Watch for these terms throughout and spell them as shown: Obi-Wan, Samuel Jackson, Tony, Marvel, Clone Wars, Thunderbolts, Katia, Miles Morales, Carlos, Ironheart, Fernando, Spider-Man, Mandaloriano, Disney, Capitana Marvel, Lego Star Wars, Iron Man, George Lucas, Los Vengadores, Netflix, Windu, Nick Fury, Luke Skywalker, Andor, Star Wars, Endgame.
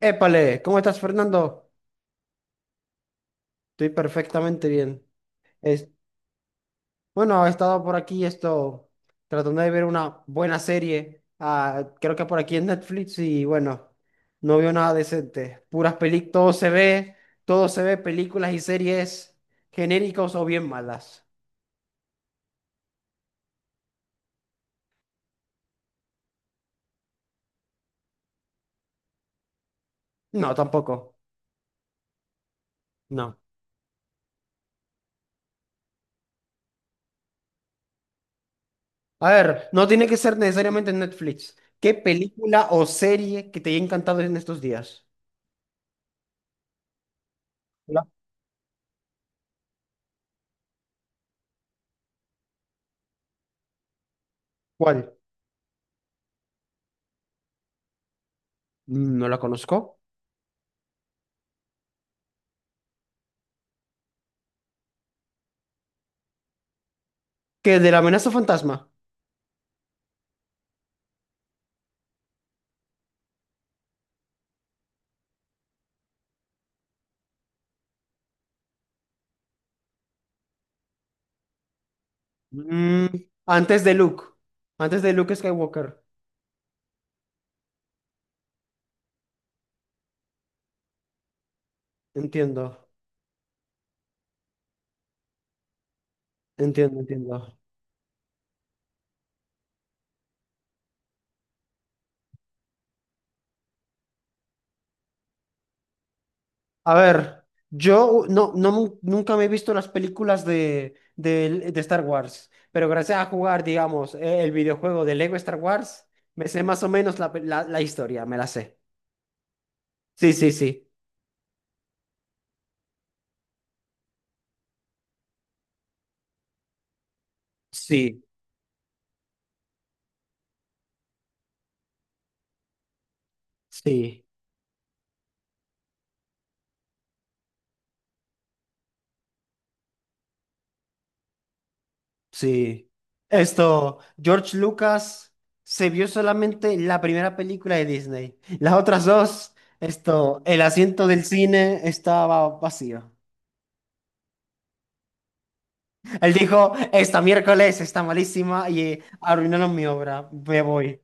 Épale, ¿cómo estás, Fernando? Estoy perfectamente bien. Es, bueno, he estado por aquí esto tratando de ver una buena serie. Creo que por aquí en Netflix y bueno, no veo nada decente. Puras películas, todo se ve, películas y series genéricos o bien malas. No, tampoco. No. A ver, no tiene que ser necesariamente en Netflix. ¿Qué película o serie que te haya encantado en estos días? La- ¿Cuál? No la conozco. ¿Qué de la amenaza fantasma? Mm, Antes de Luke. Antes de Luke Skywalker. Entiendo, entiendo, entiendo. A ver, yo no, no, nunca me he visto las películas de Star Wars, pero gracias a jugar, digamos, el videojuego de Lego Star Wars, me sé más o menos la historia, me la sé. Sí, sí, sí. Sí, sí. Sí. Esto, George Lucas se vio solamente la primera película de Disney. Las otras dos, esto, el asiento del cine estaba vacío. Él dijo, esta miércoles está malísima y arruinaron mi obra, me voy.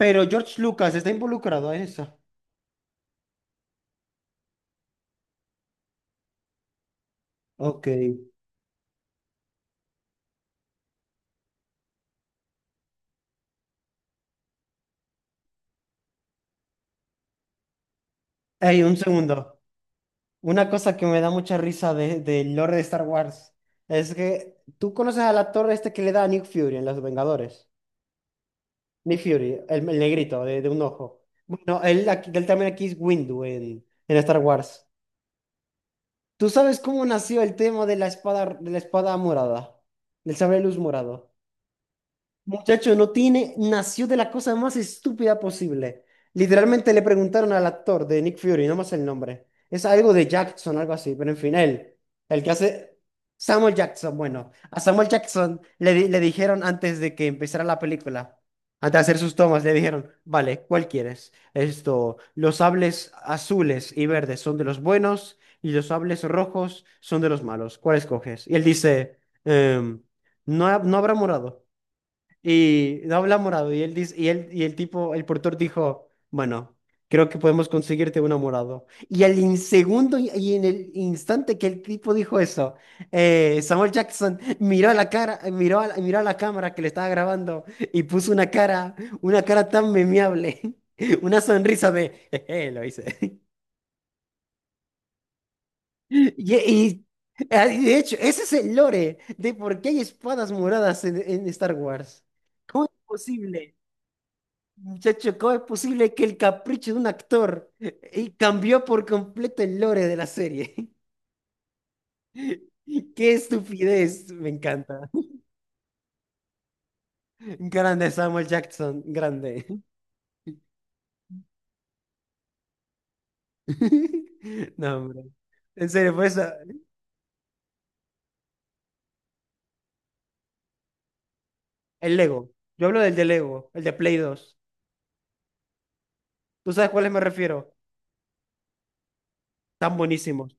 Pero George Lucas está involucrado en eso. Ok. Ey, un segundo. Una cosa que me da mucha risa de, del lore de Star Wars es que tú conoces al actor este que le da a Nick Fury en Los Vengadores. Nick Fury, el negrito de un ojo. Bueno, él también aquí es Windu en Star Wars. ¿Tú sabes cómo nació el tema de la espada morada? Del sable luz morado. Muchacho, no tiene, nació de la cosa más estúpida posible. Literalmente le preguntaron al actor de Nick Fury, no más el nombre. Es algo de Jackson, algo así, pero en fin, el que hace Samuel Jackson. Bueno, a Samuel Jackson le dijeron antes de que empezara la película, antes de hacer sus tomas, le dijeron, vale, ¿cuál quieres? Esto, los sables azules y verdes son de los buenos y los sables rojos son de los malos. ¿Cuál escoges? Y él dice, em, no, no habrá morado. Y no habla morado. Y él dice, y el tipo, el portor dijo, bueno, creo que podemos conseguirte uno morado. Y segundo y en el instante que el tipo dijo eso, Samuel Jackson miró a la cara, miró a la cámara que le estaba grabando y puso una cara tan memeable, una sonrisa de, "Jeje, lo hice. Y, y- y de hecho, ese es el lore de por qué hay espadas moradas en Star Wars. ¿Cómo es posible? Muchacho, ¿cómo es posible que el capricho de un actor cambió por completo el lore de la serie? ¡Qué estupidez! Me encanta. Grande Samuel Jackson, grande. No, hombre. En serio, por eso, el Lego. Yo hablo del de Lego, el de Play 2. ¿Tú sabes a cuáles me refiero? Tan buenísimos.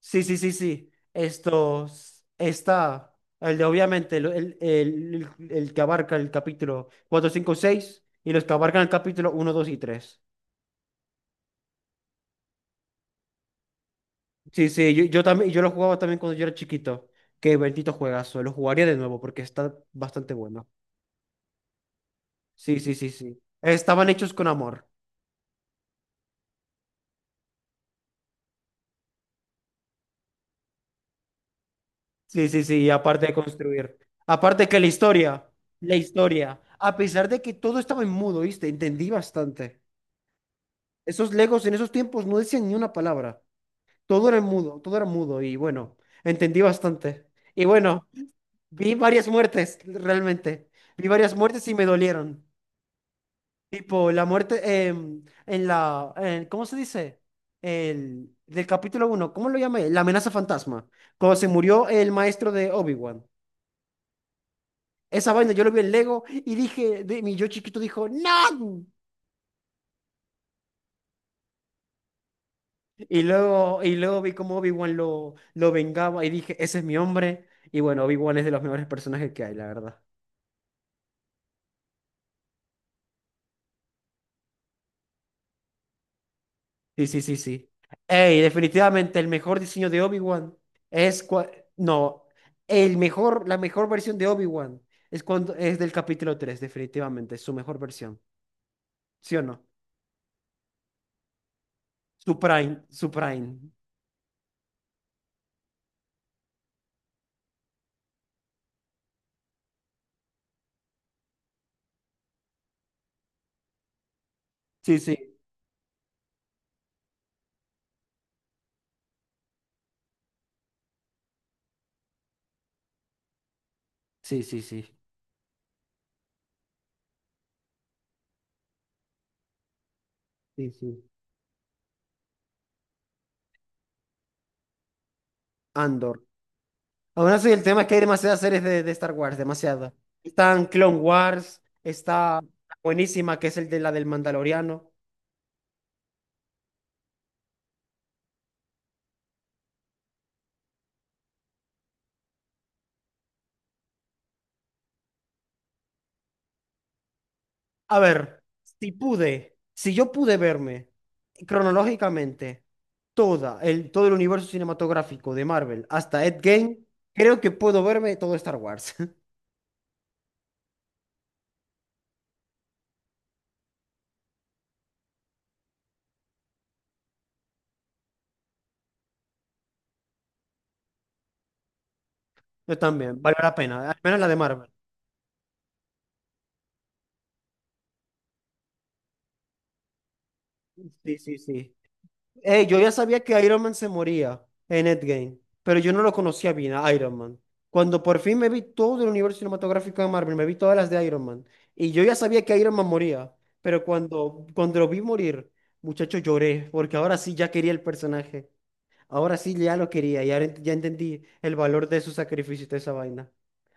Sí, sí, sí, sí. Estos, está, el de obviamente, el que abarca el capítulo 4, 5, 6 y los que abarcan el capítulo uno, 2 y 3. Sí, sí, yo también, yo lo jugaba también cuando yo era chiquito. Qué bendito juegazo, lo jugaría de nuevo porque está bastante bueno. Sí, sí, sí, sí. Estaban hechos con amor. Sí, sí, sí, y aparte de construir. Aparte que la historia, a pesar de que todo estaba en mudo, ¿viste? Entendí bastante. Esos Legos en esos tiempos no decían ni una palabra. Todo era en mudo, todo era mudo y bueno, entendí bastante. Y bueno, vi varias muertes, realmente. Vi varias muertes y me dolieron. Tipo, la muerte en la, ¿cómo se dice? Del capítulo uno, ¿cómo lo llamé? La amenaza fantasma. Cuando se murió el maestro de Obi-Wan. Esa vaina yo lo vi en Lego y dije, mi yo chiquito dijo, ¡No! Y luego vi cómo Obi-Wan lo vengaba y dije, ese es mi hombre. Y bueno, Obi-Wan es de los mejores personajes que hay, la verdad. Sí, sí, sí, sí. Ey, definitivamente el mejor diseño de Obi-Wan es no, la mejor versión de Obi-Wan es cuando es del capítulo 3 definitivamente, es su mejor versión. ¿Sí o no? Su prime, su prime. Sí, sí. Sí, sí, sí. Sí, sí. Andor. Aún así, el tema es que hay demasiadas series de Star Wars, demasiadas. Están Clone Wars, está buenísima, que es el de la del Mandaloriano. A ver, si yo pude verme cronológicamente todo el universo cinematográfico de Marvel hasta Endgame, creo que puedo verme todo Star Wars. Yo también, vale la pena, al menos la de Marvel. Sí, sí, sí. Yo ya sabía que Iron Man se moría en Endgame, pero yo no lo conocía bien a Iron Man. Cuando por fin me vi todo el universo cinematográfico de Marvel, me vi todas las de Iron Man, y yo ya sabía que Iron Man moría, pero cuando lo vi morir, muchacho, lloré, porque ahora sí ya quería el personaje. Ahora sí ya lo quería, y ahora ya entendí el valor de su sacrificio y de esa vaina.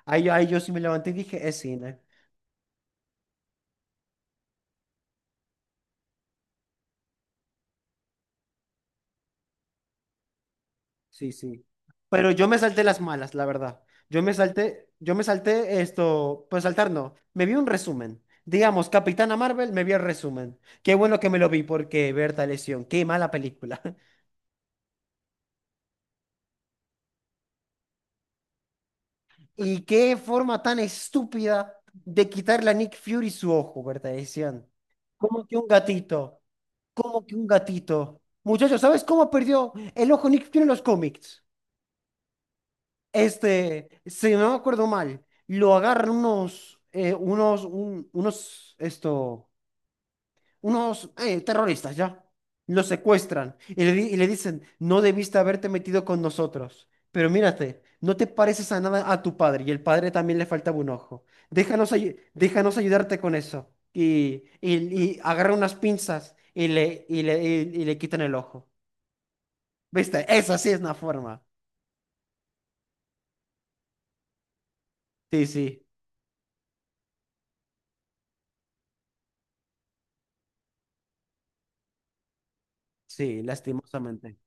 Ahí yo sí me levanté y dije, es cine. Sí, sí. Pero yo me salté las malas, la verdad. Yo me salté esto, pues saltar no. Me vi un resumen. Digamos, Capitana Marvel, me vi el resumen. Qué bueno que me lo vi porque Berta lesión, qué mala película. Y qué forma tan estúpida de quitarle a Nick Fury su ojo, Berta lesión. ¿Como que un gatito? ¿Como que un gatito? Muchachos, ¿sabes cómo perdió el ojo Nick Fury en los cómics? Este, si no me acuerdo mal, lo agarran unos, unos, un- unos, esto, unos terroristas, ¿ya? Lo secuestran y le dicen, no debiste haberte metido con nosotros, pero mírate, no te pareces a nada a tu padre y el padre también le faltaba un ojo. Déjanos ayudarte con eso. Y agarra unas pinzas y le quitan el ojo. ¿Viste? Esa sí es una forma. Sí, sí, sí, lastimosamente.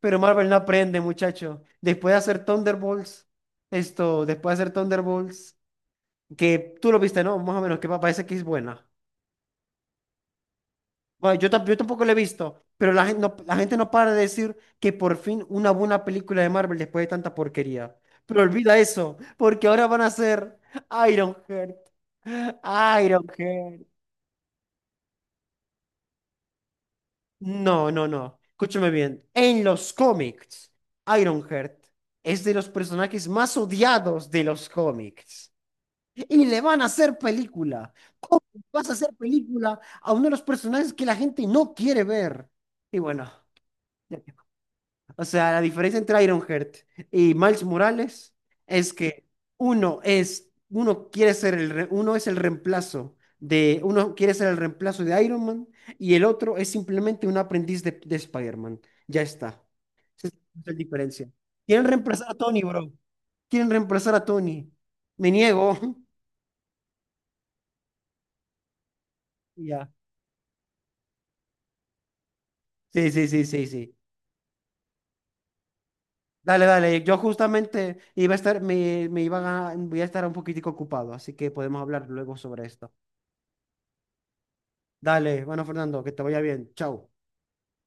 Pero Marvel no aprende, muchacho. Después de hacer Thunderbolts, que tú lo viste, ¿no? Más o menos, que parece que es buena. Bueno, yo tampoco la he visto, pero la gente no para de decir que por fin una buena película de Marvel después de tanta porquería. Pero olvida eso, porque ahora van a hacer Ironheart. Ironheart. No, no, no. Escúchame bien. En los cómics, Ironheart es de los personajes más odiados de los cómics. Y le van a hacer película. ¿Cómo vas a hacer película a uno de los personajes que la gente no quiere ver? Y bueno, o sea, la diferencia entre Ironheart y Miles Morales es que uno es, uno quiere ser uno es el reemplazo de, uno quiere ser el reemplazo de Iron Man y el otro es simplemente un aprendiz de Spider-Man. Ya está. Esa es la diferencia. Quieren reemplazar a Tony, bro. Quieren reemplazar a Tony. Me niego. Ya. Sí, sí, sí, sí, sí. Dale, dale. Yo justamente iba a estar, me iba a, voy a estar un poquitico ocupado, así que podemos hablar luego sobre esto. Dale, bueno, Fernando, que te vaya bien. Chao.